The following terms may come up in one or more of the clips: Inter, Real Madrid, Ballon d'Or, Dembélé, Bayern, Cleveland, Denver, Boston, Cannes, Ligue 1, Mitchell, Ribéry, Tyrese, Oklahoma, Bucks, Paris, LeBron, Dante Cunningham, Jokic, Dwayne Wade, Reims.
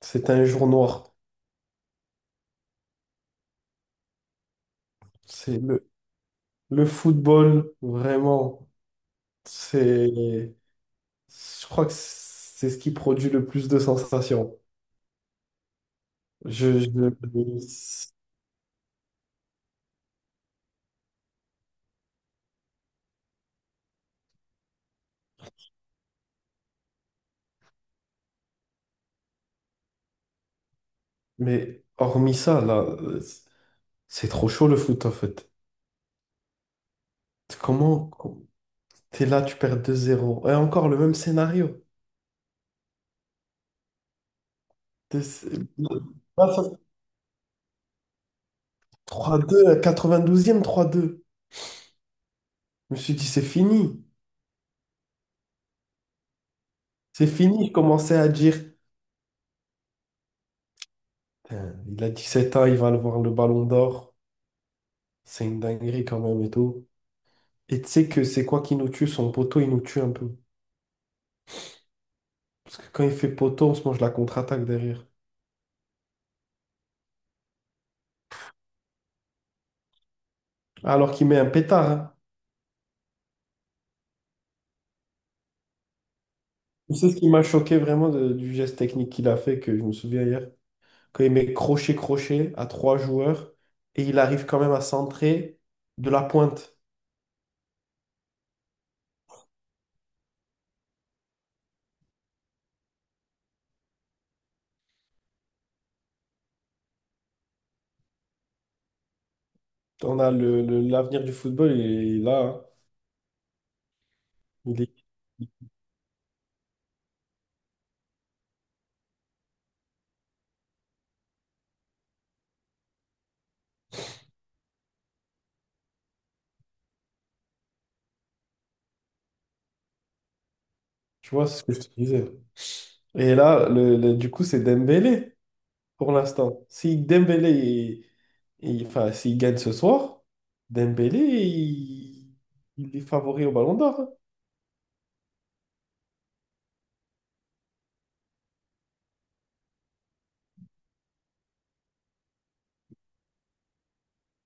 C'est un jour noir. C'est le football, vraiment. C'est, je crois que c'est ce qui produit le plus de sensations. Je, je- mais hormis ça, là, c'est trop chaud le foot en fait. Comment t'es là, tu perds 2-0 et encore le même scénario. T'es- c'est- Là, ça- 3-2, à 92e, 3-2. Je me suis dit, c'est fini. C'est fini. Je commençais à dire, putain, il a 17 ans, il va le voir le ballon d'or. C'est une dinguerie quand même et tout. Et tu sais que c'est quoi qui nous tue? Son poteau, il nous tue un peu. Parce que quand il fait poteau, on se mange la contre-attaque derrière. Alors qu'il met un pétard, hein. Tu sais ce qui m'a choqué vraiment du geste technique qu'il a fait, que je me souviens hier. Quand il met crochet-crochet à trois joueurs et il arrive quand même à centrer de la pointe. On a l'avenir du football, il est là, hein. Il est- tu vois, c'est ce que je te disais. Et là, du coup, c'est Dembélé, pour l'instant. Si Dembélé, enfin, s'il gagne ce soir, Dembélé, il est favori au Ballon d'Or, hein.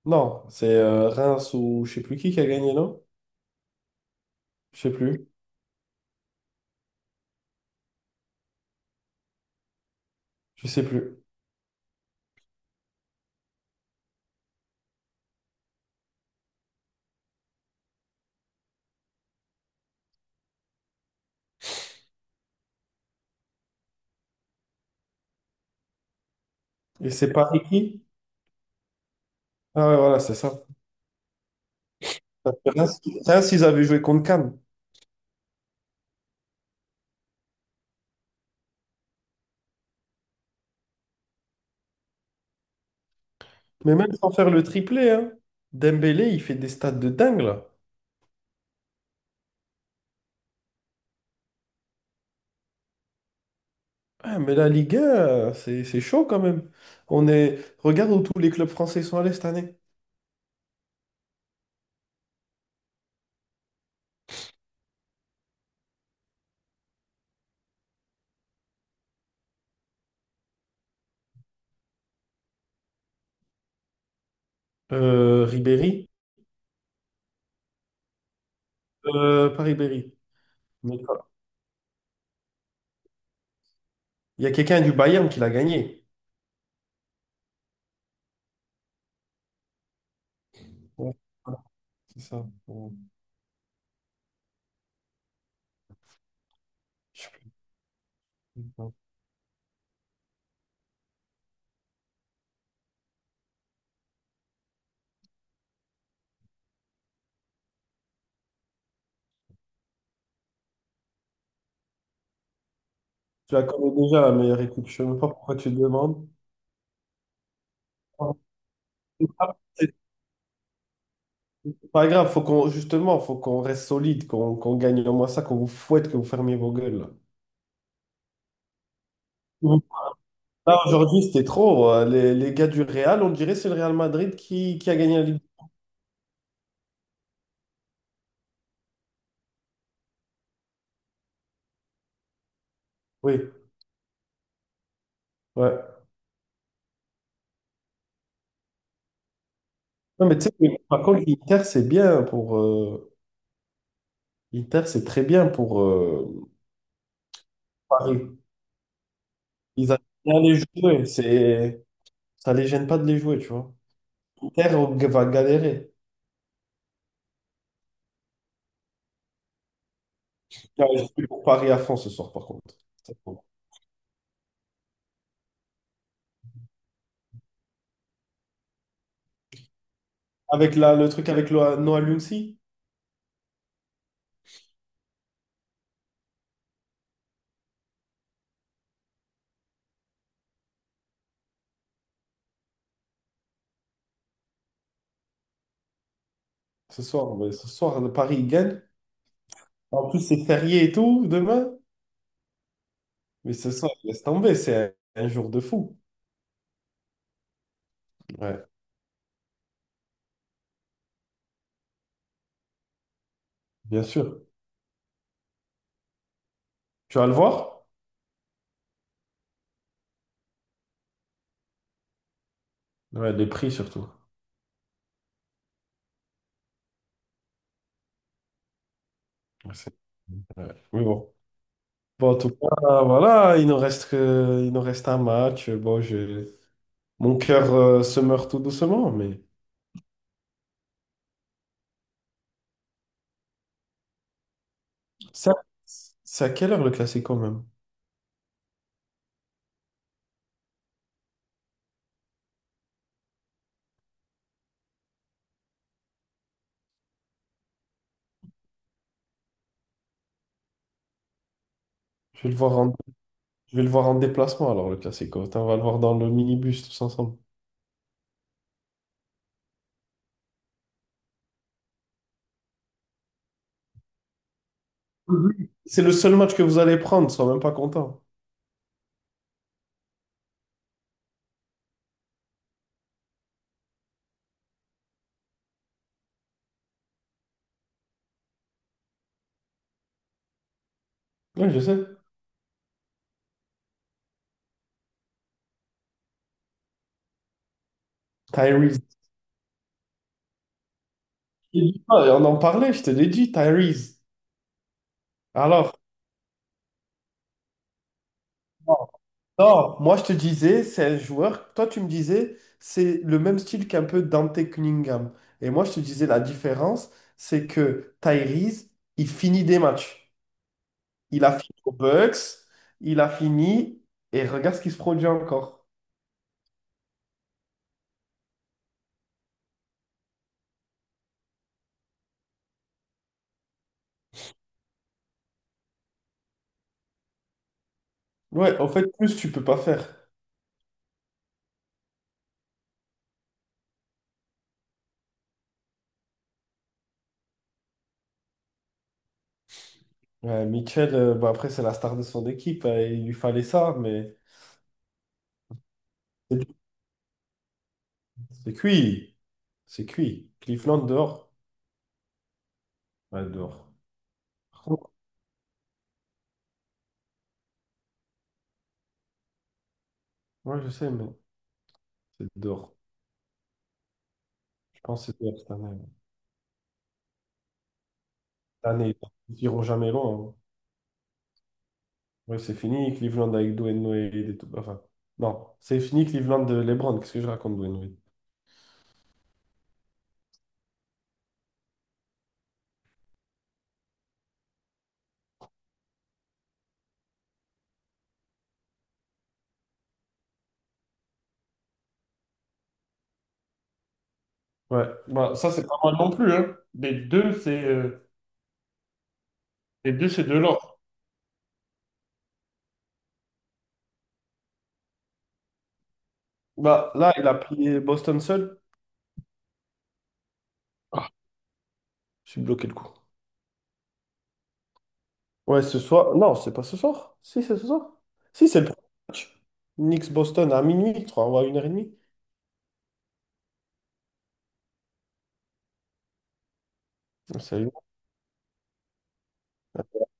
Non, c'est Reims ou je sais plus qui a gagné, non? Je sais plus. Je sais plus. Et c'est Paris qui? Ah ouais, voilà, c'est ça. Parce que Reims, ils avaient joué contre Cannes. Mais même sans faire le triplé, hein, Dembélé, il fait des stats de dingue, là. Ah, mais la Ligue 1, c'est chaud quand même. Regarde où tous les clubs français sont allés cette année. Ribéry. Paris-Berry. Mais pas. Il y a quelqu'un du Bayern qui l'a gagné. Ouais, voilà, c'est ça. Ouais. Je sais plus. Non. Tu la connais déjà, la meilleure équipe. Je ne sais même pas pourquoi tu le demandes. C'est pas c'est pas grave, faut qu'on justement, faut qu'on reste solide, qu'on gagne au moins ça, qu'on vous fouette, que vous fermiez vos gueules. Là, aujourd'hui, c'était trop. Les gars du Real, on dirait que c'est le Real Madrid qui a gagné la Ligue. Oui, ouais. Non, mais tu sais, que, par contre, l'Inter, c'est bien pour. Inter, c'est très bien pour Paris. Ils allaient bien les jouer. Ça les gêne pas de les jouer, tu vois. Inter va galérer. Ah, je suis pour Paris à fond ce soir, par contre. Avec le truc avec Noah Lumsi, ce soir, ouais, ce soir, le Paris il gagne. En plus, c'est férié et tout, demain. Mais ce soir, laisse tomber, c'est un jour de fou. Ouais, bien sûr. Tu vas le voir? Ouais, les prix surtout. Ouais, ouais. Mais bon. Bon, en tout cas, voilà, il nous reste un match. Mon cœur se meurt tout doucement, mais ça, c'est à quelle heure le classico même? Je vais le voir en, je vais le voir en déplacement alors le classico. Attends, on va le voir dans le minibus tous ensemble. Mhm. C'est le seul match que vous allez prendre, sois même pas content. Oui, je sais. Tyrese. Je te dis pas, on en parlait, je te l'ai dit, Tyrese. Alors, non, non, moi je te disais, c'est un joueur. Toi, tu me disais, c'est le même style qu'un peu Dante Cunningham. Et moi, je te disais, la différence, c'est que Tyrese, il finit des matchs. Il a fini aux Bucks, il a fini, et regarde ce qui se produit encore. Ouais, en fait, plus tu peux pas faire. Ouais, Mitchell, bon, après, c'est la star de son équipe, il lui fallait ça, mais c'est cuit. C'est cuit. Cleveland dehors. Ouais, dehors. Par contre, ouais, je sais, mais c'est dehors. Je pense que c'est dehors cette année. Cette année, ils iront jamais loin, hein. Ouais, c'est fini, Cleveland avec Dwayne Wade et tout. Enfin, non, c'est fini, Cleveland de LeBron. Qu'est-ce que je raconte, Dwayne Wade? Ouais, bah, ça c'est pas mal non plus, hein. Les deux, c'est de l'or. Bah là, il a pris Boston seul. Ah, je suis bloqué le coup. Ouais, ce soir. Non, c'est pas ce soir. Si, c'est ce soir. Si, c'est le premier match. Knicks-Boston à minuit, je crois, ou à une heure et demie. Salut.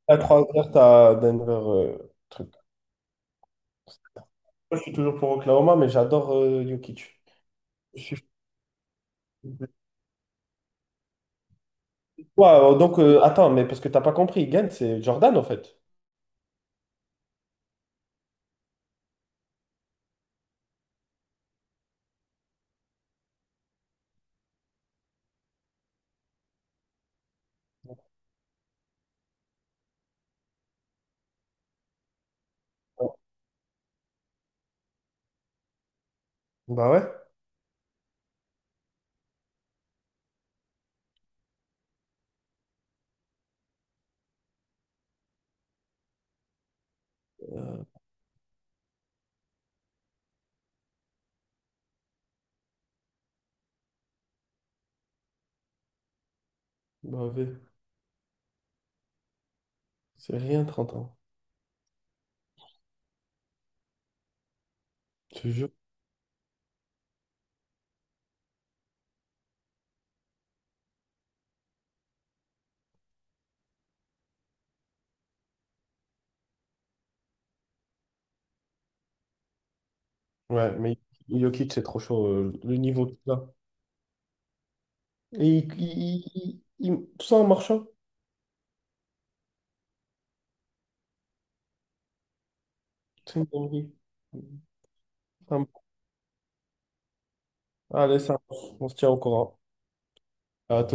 À 3 h, t'as Denver, truc. Moi, je suis toujours pour Oklahoma, mais j'adore Jokic. Je suis... Ouais, donc attends, mais parce que t'as pas compris, Gant, c'est Jordan en fait. Bah ouais. Bah ouais, c'est rien 30 ans, je te jure. Ouais, mais Jokic, c'est trop chaud, le niveau qu'il a. Et tout ça en marchant, c'est une dinguerie. Ça me- Allez, ça, marche. On se tient au courant. À